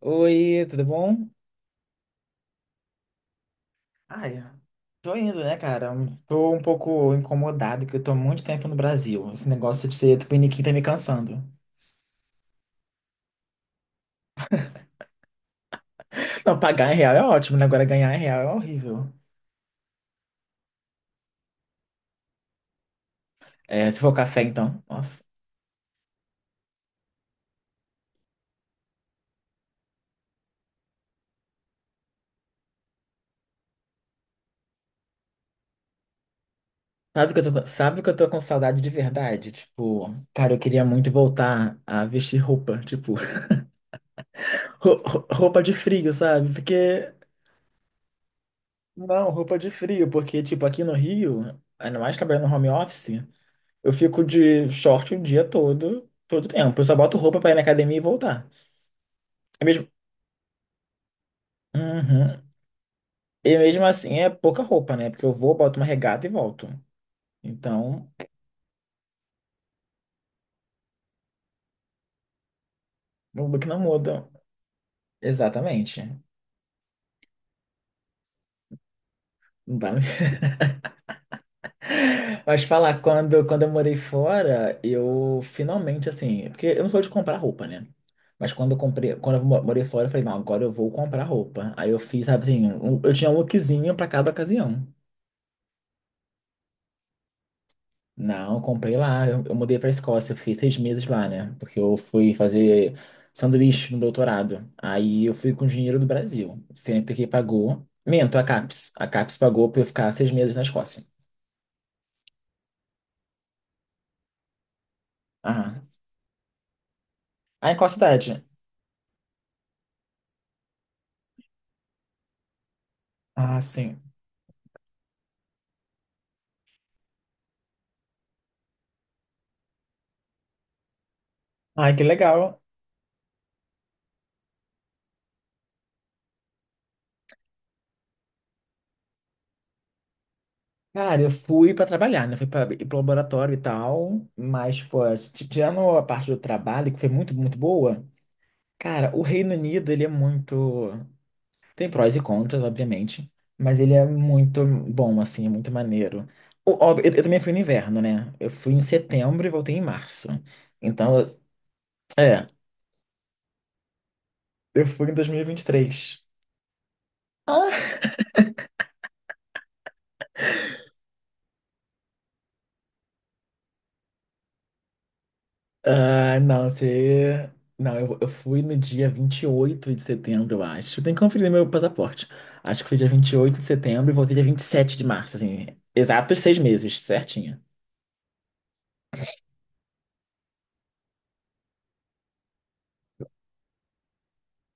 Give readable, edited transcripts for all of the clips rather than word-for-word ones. Oi, tudo bom? Ai, tô indo, né, cara? Tô um pouco incomodado que eu tô há muito tempo no Brasil. Esse negócio de ser tupiniquim tá me cansando. Não, pagar em real é ótimo, né? Agora ganhar em real é horrível. É, se for café, então. Nossa. Sabe que eu tô com saudade de verdade? Tipo, cara, eu queria muito voltar a vestir roupa, tipo, roupa de frio, sabe? Porque, não, roupa de frio, porque, tipo, aqui no Rio, ainda mais trabalhando no home office. Eu fico de short o dia todo, todo tempo. Eu só boto roupa pra ir na academia e voltar. É mesmo. Uhum. E mesmo assim é pouca roupa, né? Porque eu vou, boto uma regata e volto. Então, o look não muda. Exatamente. Não dá- Mas falar, quando, eu morei fora, eu finalmente, assim. Porque eu não sou de comprar roupa, né? Mas quando eu comprei, quando eu morei fora, eu falei, não, agora eu vou comprar roupa. Aí eu fiz, sabe assim, eu tinha um lookzinho pra cada ocasião. Não, eu comprei lá. Eu mudei para Escócia. Eu fiquei 6 meses lá, né? Porque eu fui fazer sanduíche no doutorado. Aí eu fui com dinheiro do Brasil. Sempre que pagou. Minto, a CAPES. A CAPES pagou para eu ficar 6 meses na Escócia. Ah, aí qual cidade? Ah, sim. Ai, que legal. Cara, eu fui para trabalhar, né? Fui para ir pro laboratório e tal. Mas, pô, tirando a parte do trabalho, que foi muito, muito boa. Cara, o Reino Unido, ele é muito. Tem prós e contras, obviamente, mas ele é muito bom, assim, é muito maneiro. Eu também fui no inverno, né? Eu fui em setembro e voltei em março. Então, é, eu fui em 2023. Ah, não, você. Não, eu fui no dia 28 de setembro, eu acho. Tem que conferir meu passaporte. Acho que foi dia 28 de setembro e voltei dia 27 de março, assim. Exatos 6 meses, certinho.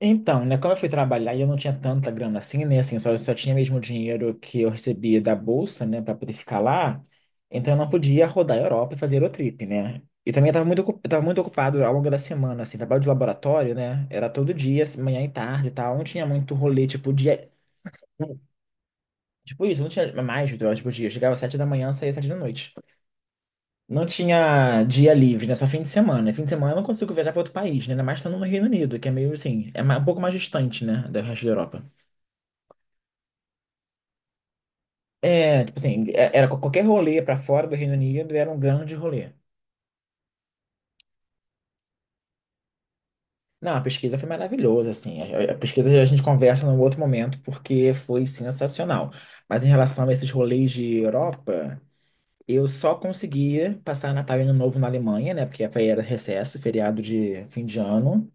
Então, né, como eu fui trabalhar e eu não tinha tanta grana assim, né, assim, só tinha mesmo o dinheiro que eu recebia da bolsa, né, para poder ficar lá, então eu não podia rodar a Europa e fazer Eurotrip, né? E também eu tava muito, eu tava muito ocupado ao longo da semana, assim, trabalho de laboratório, né, era todo dia, assim, manhã e tarde e tal, não tinha muito rolê, tipo, dia. hum, Tipo isso, não tinha mais 8 horas por dia, eu chegava às 7 da manhã, saía às 7 da noite. Não tinha dia livre, né, só fim de semana. E fim de semana eu não consigo viajar para outro país, né, ainda mais estando no Reino Unido, que é meio assim, ma- um pouco mais distante, né, do resto da Europa. É, tipo assim, é- era qualquer rolê para fora do Reino Unido era um grande rolê. Não, a pesquisa foi maravilhosa, assim. Pesquisa a gente conversa num outro momento porque foi sensacional. Mas em relação a esses rolês de Europa, eu só conseguia passar Natal e Ano Novo na Alemanha, né? Porque era recesso, feriado de fim de ano.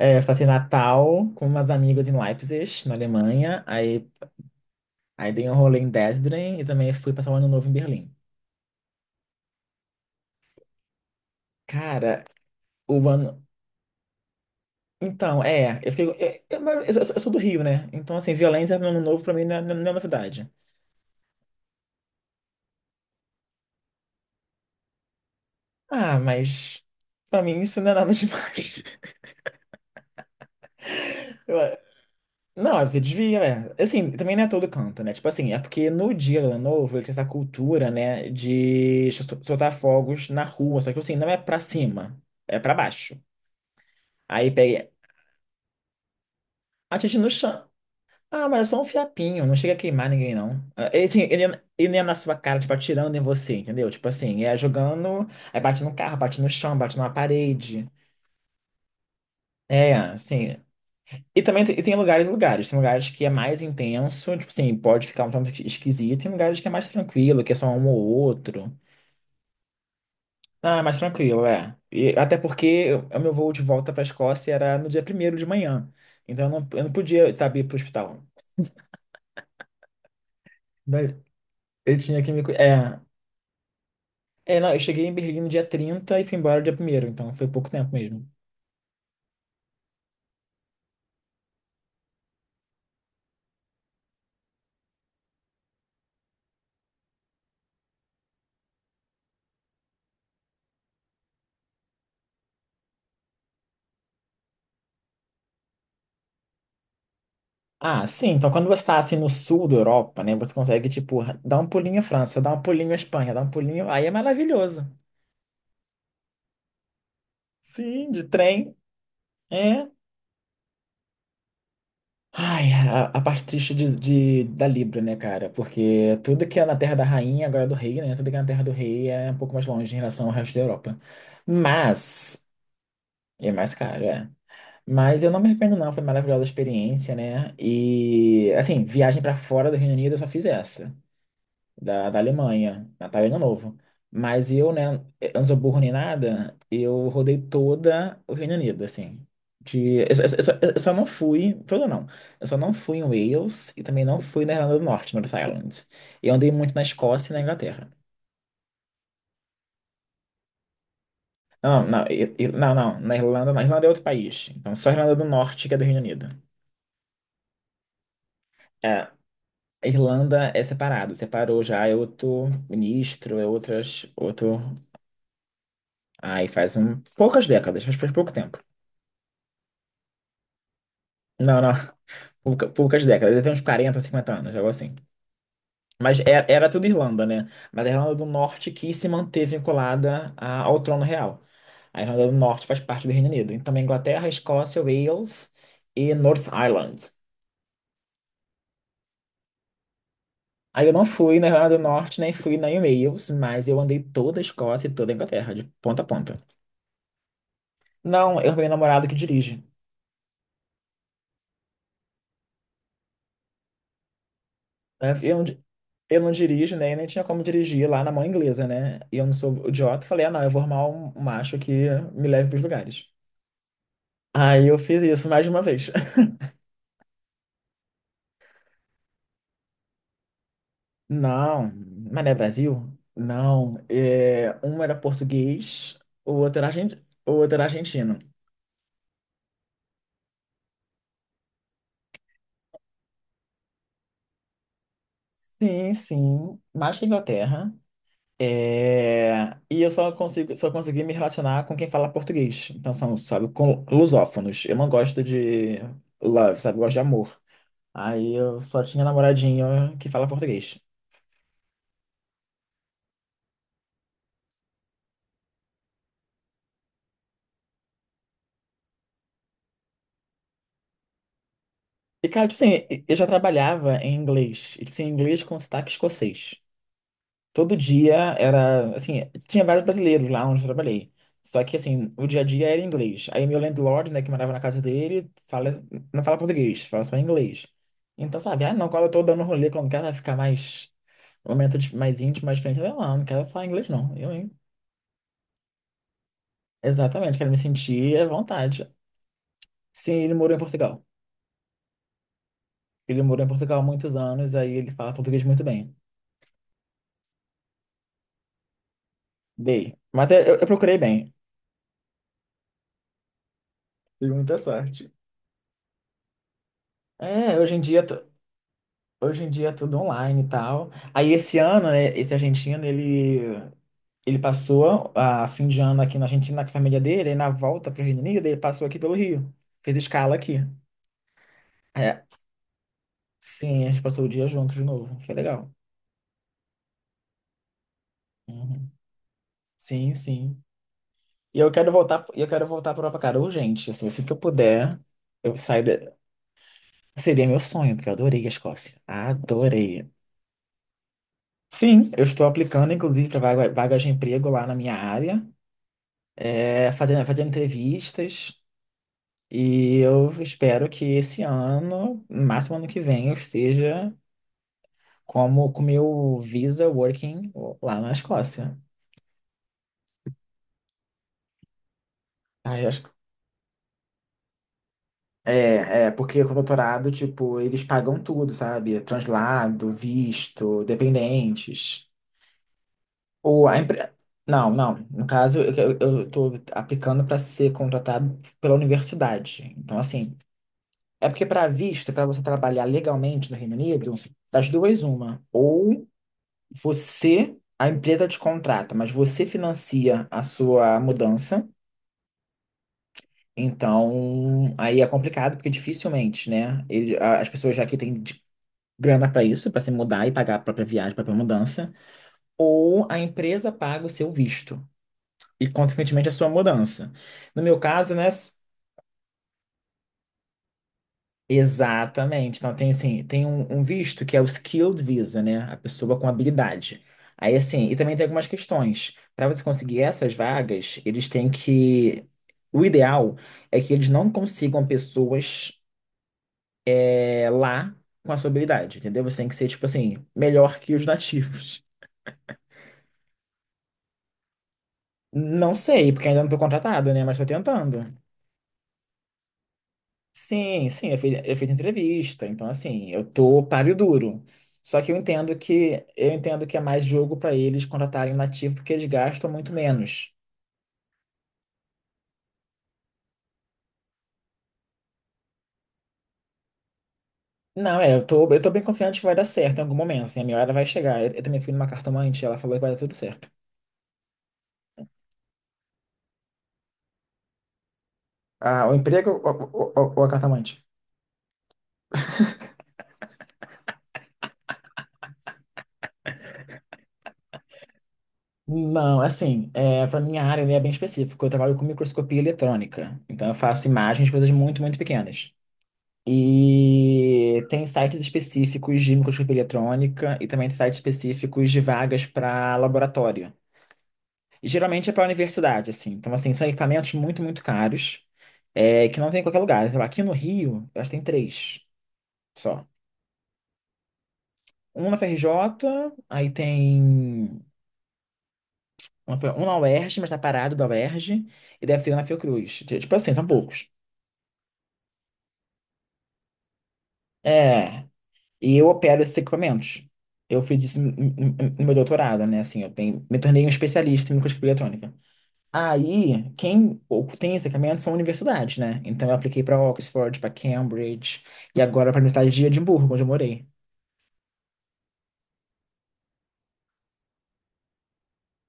É, passei Natal com umas amigas em Leipzig, na Alemanha. Aí dei um rolê em Dresden e também fui passar o Ano Novo em Berlim. Cara, o ano. Então, é, eu fiquei. Mas eu sou do Rio, né? Então, assim, violência no ano novo pra mim não é novidade. Ah, mas pra mim isso não é nada demais. Eu, é, não, você desvia, é. Assim, também não é todo canto, né? Tipo assim, é porque no dia do ano novo ele tem essa cultura, né, de soltar fogos na rua, só que assim, não é pra cima, é pra baixo. Aí pega. Atira no chão. Ah, mas é só um fiapinho, não chega a queimar ninguém, não. Ah, ele não é na sua cara, tipo, atirando em você, entendeu? Tipo assim, é jogando, aí bate no carro, bate no chão, bate numa parede. É, assim. E também tem, e tem lugares e lugares. Tem lugares que é mais intenso, tipo assim, pode ficar um tanto esquisito, e tem lugares que é mais tranquilo, que é só um ou outro. Ah, mais tranquilo, é. E, até porque o meu voo de volta pra Escócia era no dia primeiro de manhã. Então eu não podia, sabe, ir pro hospital. Daí Eu tinha que me. Cu- É. É, não, eu cheguei em Berlim no dia 30 e fui embora no dia primeiro, então foi pouco tempo mesmo. Ah, sim, então quando você tá assim no sul da Europa, né, você consegue, tipo, dar um pulinho à França, dar um pulinho à Espanha, dar um pulinho, aí é maravilhoso. Sim, de trem, é. Ai, a parte triste da Libra, né, cara? Porque tudo que é na terra da rainha, agora é do rei, né, tudo que é na terra do rei é um pouco mais longe em relação ao resto da Europa. Mas, é mais caro, é. Mas eu não me arrependo, não. Foi maravilhosa a experiência, né? E, assim, viagem pra fora do Reino Unido eu só fiz essa, da Alemanha, Natal e Ano Novo. Mas eu, né, eu não sou burro nem nada, eu rodei toda o Reino Unido, assim. De, eu, só, eu só- eu só não fui, todo não. Eu só não fui em Wales e também não fui na Irlanda do Norte, North Island. Eu andei muito na Escócia e na Inglaterra. Não, não, não, não, na Irlanda é outro país. Então só a Irlanda do Norte que é do Reino Unido. É, a Irlanda é separado, separou já, é outro ministro, é outras, outro. Aí faz poucas décadas, acho que faz pouco tempo. Não, não, poucas décadas, deve ter uns 40, 50 anos, algo assim. Mas era tudo Irlanda, né? Mas a Irlanda do Norte quis se manter vinculada ao trono real. A Irlanda do Norte faz parte do Reino Unido. Então, a Inglaterra, Escócia, Wales e North Ireland. Aí eu não fui na Irlanda do Norte, nem fui na em Wales, mas eu andei toda a Escócia e toda a Inglaterra, de ponta a ponta. Não, eu tenho namorado que dirige, né? Eu não dirijo, né? Nem tinha como dirigir lá na mão inglesa, né? E eu não sou idiota. Falei, ah, não, eu vou arrumar um macho que me leve pros lugares. Aí eu fiz isso mais de uma vez. Não, mas não é Brasil? Não. É, um era português, o outro era, argen- o outro era argentino. Sim, sim. Mas da Inglaterra. É, e eu só consegui me relacionar com quem fala português. Então são, sabe, com lusófonos. Eu não gosto de love, sabe? Eu gosto de amor. Aí eu só tinha namoradinho que fala português. E, cara, tipo assim, eu já trabalhava em inglês. E, tipo assim, inglês com sotaque escocês. Todo dia era, assim, tinha vários brasileiros lá onde eu trabalhei. Só que, assim, o dia a dia era em inglês. Aí meu landlord, né, que morava na casa dele, fala, não fala português, fala só inglês. Então, sabe, ah, não, quando eu tô dando rolê, quando quero ficar mais, mais íntimo, mais diferente, eu não, não quero falar inglês, não. Eu, hein? Exatamente, quero me sentir à vontade. Sim, ele morou em Portugal. Ele morou em Portugal há muitos anos, aí ele fala português muito bem. Bem, mas eu procurei bem. Tive muita sorte. É, hoje em dia. Hoje em dia é tudo online e tal. Aí esse ano, né, esse argentino, ele passou a fim de ano aqui na Argentina com a família dele, aí na volta para o Reino Unido, ele passou aqui pelo Rio. Fez escala aqui. É, sim, a gente passou o dia junto de novo. Foi legal. Uhum. Sim, sim. E eu quero voltar para Europa, cara, urgente. Assim, assim que eu puder, eu saio. Seria meu sonho, porque eu adorei a Escócia. Adorei. Sim, eu estou aplicando, inclusive, para vagas de emprego lá na minha área. É, fazendo entrevistas. E eu espero que esse ano, no máximo ano que vem, eu esteja com o meu Visa Working lá na Escócia. Aí eu acho que- É, porque com o doutorado, tipo, eles pagam tudo, sabe? Translado, visto, dependentes. Ou a empre... Não, não. No caso, eu tô aplicando para ser contratado pela universidade. Então, assim, é porque para visto, para você trabalhar legalmente no Reino Unido, das duas uma, ou você, a empresa te contrata, mas você financia a sua mudança. Então, aí é complicado porque dificilmente, né? As pessoas já aqui têm grana para isso, para se mudar e pagar a própria viagem, a própria mudança, ou a empresa paga o seu visto e consequentemente a sua mudança. No meu caso, né? Exatamente. Então tem assim, tem um visto que é o skilled visa, né? A pessoa com habilidade. Aí assim, e também tem algumas questões. Para você conseguir essas vagas, eles têm que. O ideal é que eles não consigam pessoas lá com a sua habilidade, entendeu? Você tem que ser, tipo assim, melhor que os nativos. Não sei, porque ainda não estou contratado, né? Mas estou tentando. Sim, sim, eu fiz entrevista, então assim, eu tô páreo duro. Só que eu entendo que é mais jogo para eles contratarem um nativo porque eles gastam muito menos. Não, é, eu tô bem confiante que vai dar certo em algum momento, assim, a minha hora vai chegar. Eu também fui numa cartomante, ela falou que vai dar tudo certo. Ah, o emprego ou, ou a cartomante? Não, assim, é, para minha área ele é bem específico. Eu trabalho com microscopia eletrônica, então eu faço imagens de coisas muito, muito pequenas. E tem sites específicos de microscopia eletrônica e também tem sites específicos de vagas para laboratório. E geralmente é para universidade, assim. Então, assim, são equipamentos muito, muito caros, que não tem em qualquer lugar. Sei lá, aqui no Rio, eu acho que tem três só. Um na FRJ, aí tem um na UERJ, mas tá parado da UERJ, e deve ter um na Fiocruz. Tipo assim, são poucos. É. E eu opero esses equipamentos. Eu fiz isso no meu doutorado, né? Assim, eu me tornei um especialista em microscopia eletrônica. Aí, quem tem esse equipamento são universidades, né? Então, eu apliquei para Oxford, para Cambridge e agora para a Universidade de Edimburgo, onde eu morei.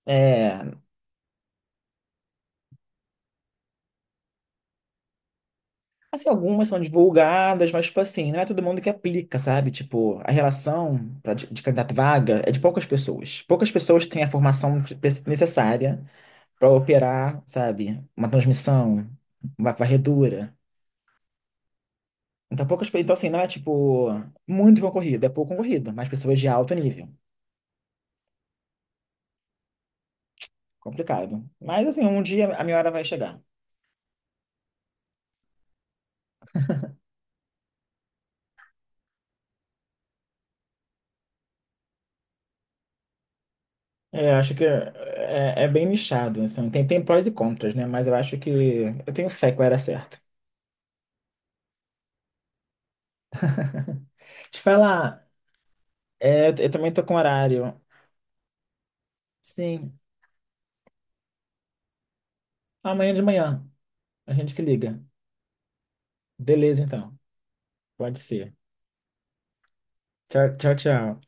É, assim, algumas são divulgadas, mas, tipo assim, não é todo mundo que aplica, sabe? Tipo, a relação de candidato vaga é de poucas pessoas. Poucas pessoas têm a formação necessária para operar, sabe? Uma transmissão, uma varredura. Então, poucas, então, assim, não é tipo muito concorrido, é pouco concorrido, mas pessoas de alto nível. Complicado. Mas, assim, um dia a minha hora vai chegar. É, acho que é, é bem nichado, assim, tem prós e contras, né? Mas eu acho que eu tenho fé que vai dar certo. Te falar, é, eu também tô com horário. Sim, amanhã de manhã a gente se liga. Beleza, então. Pode ser. Tchau, tchau, tchau.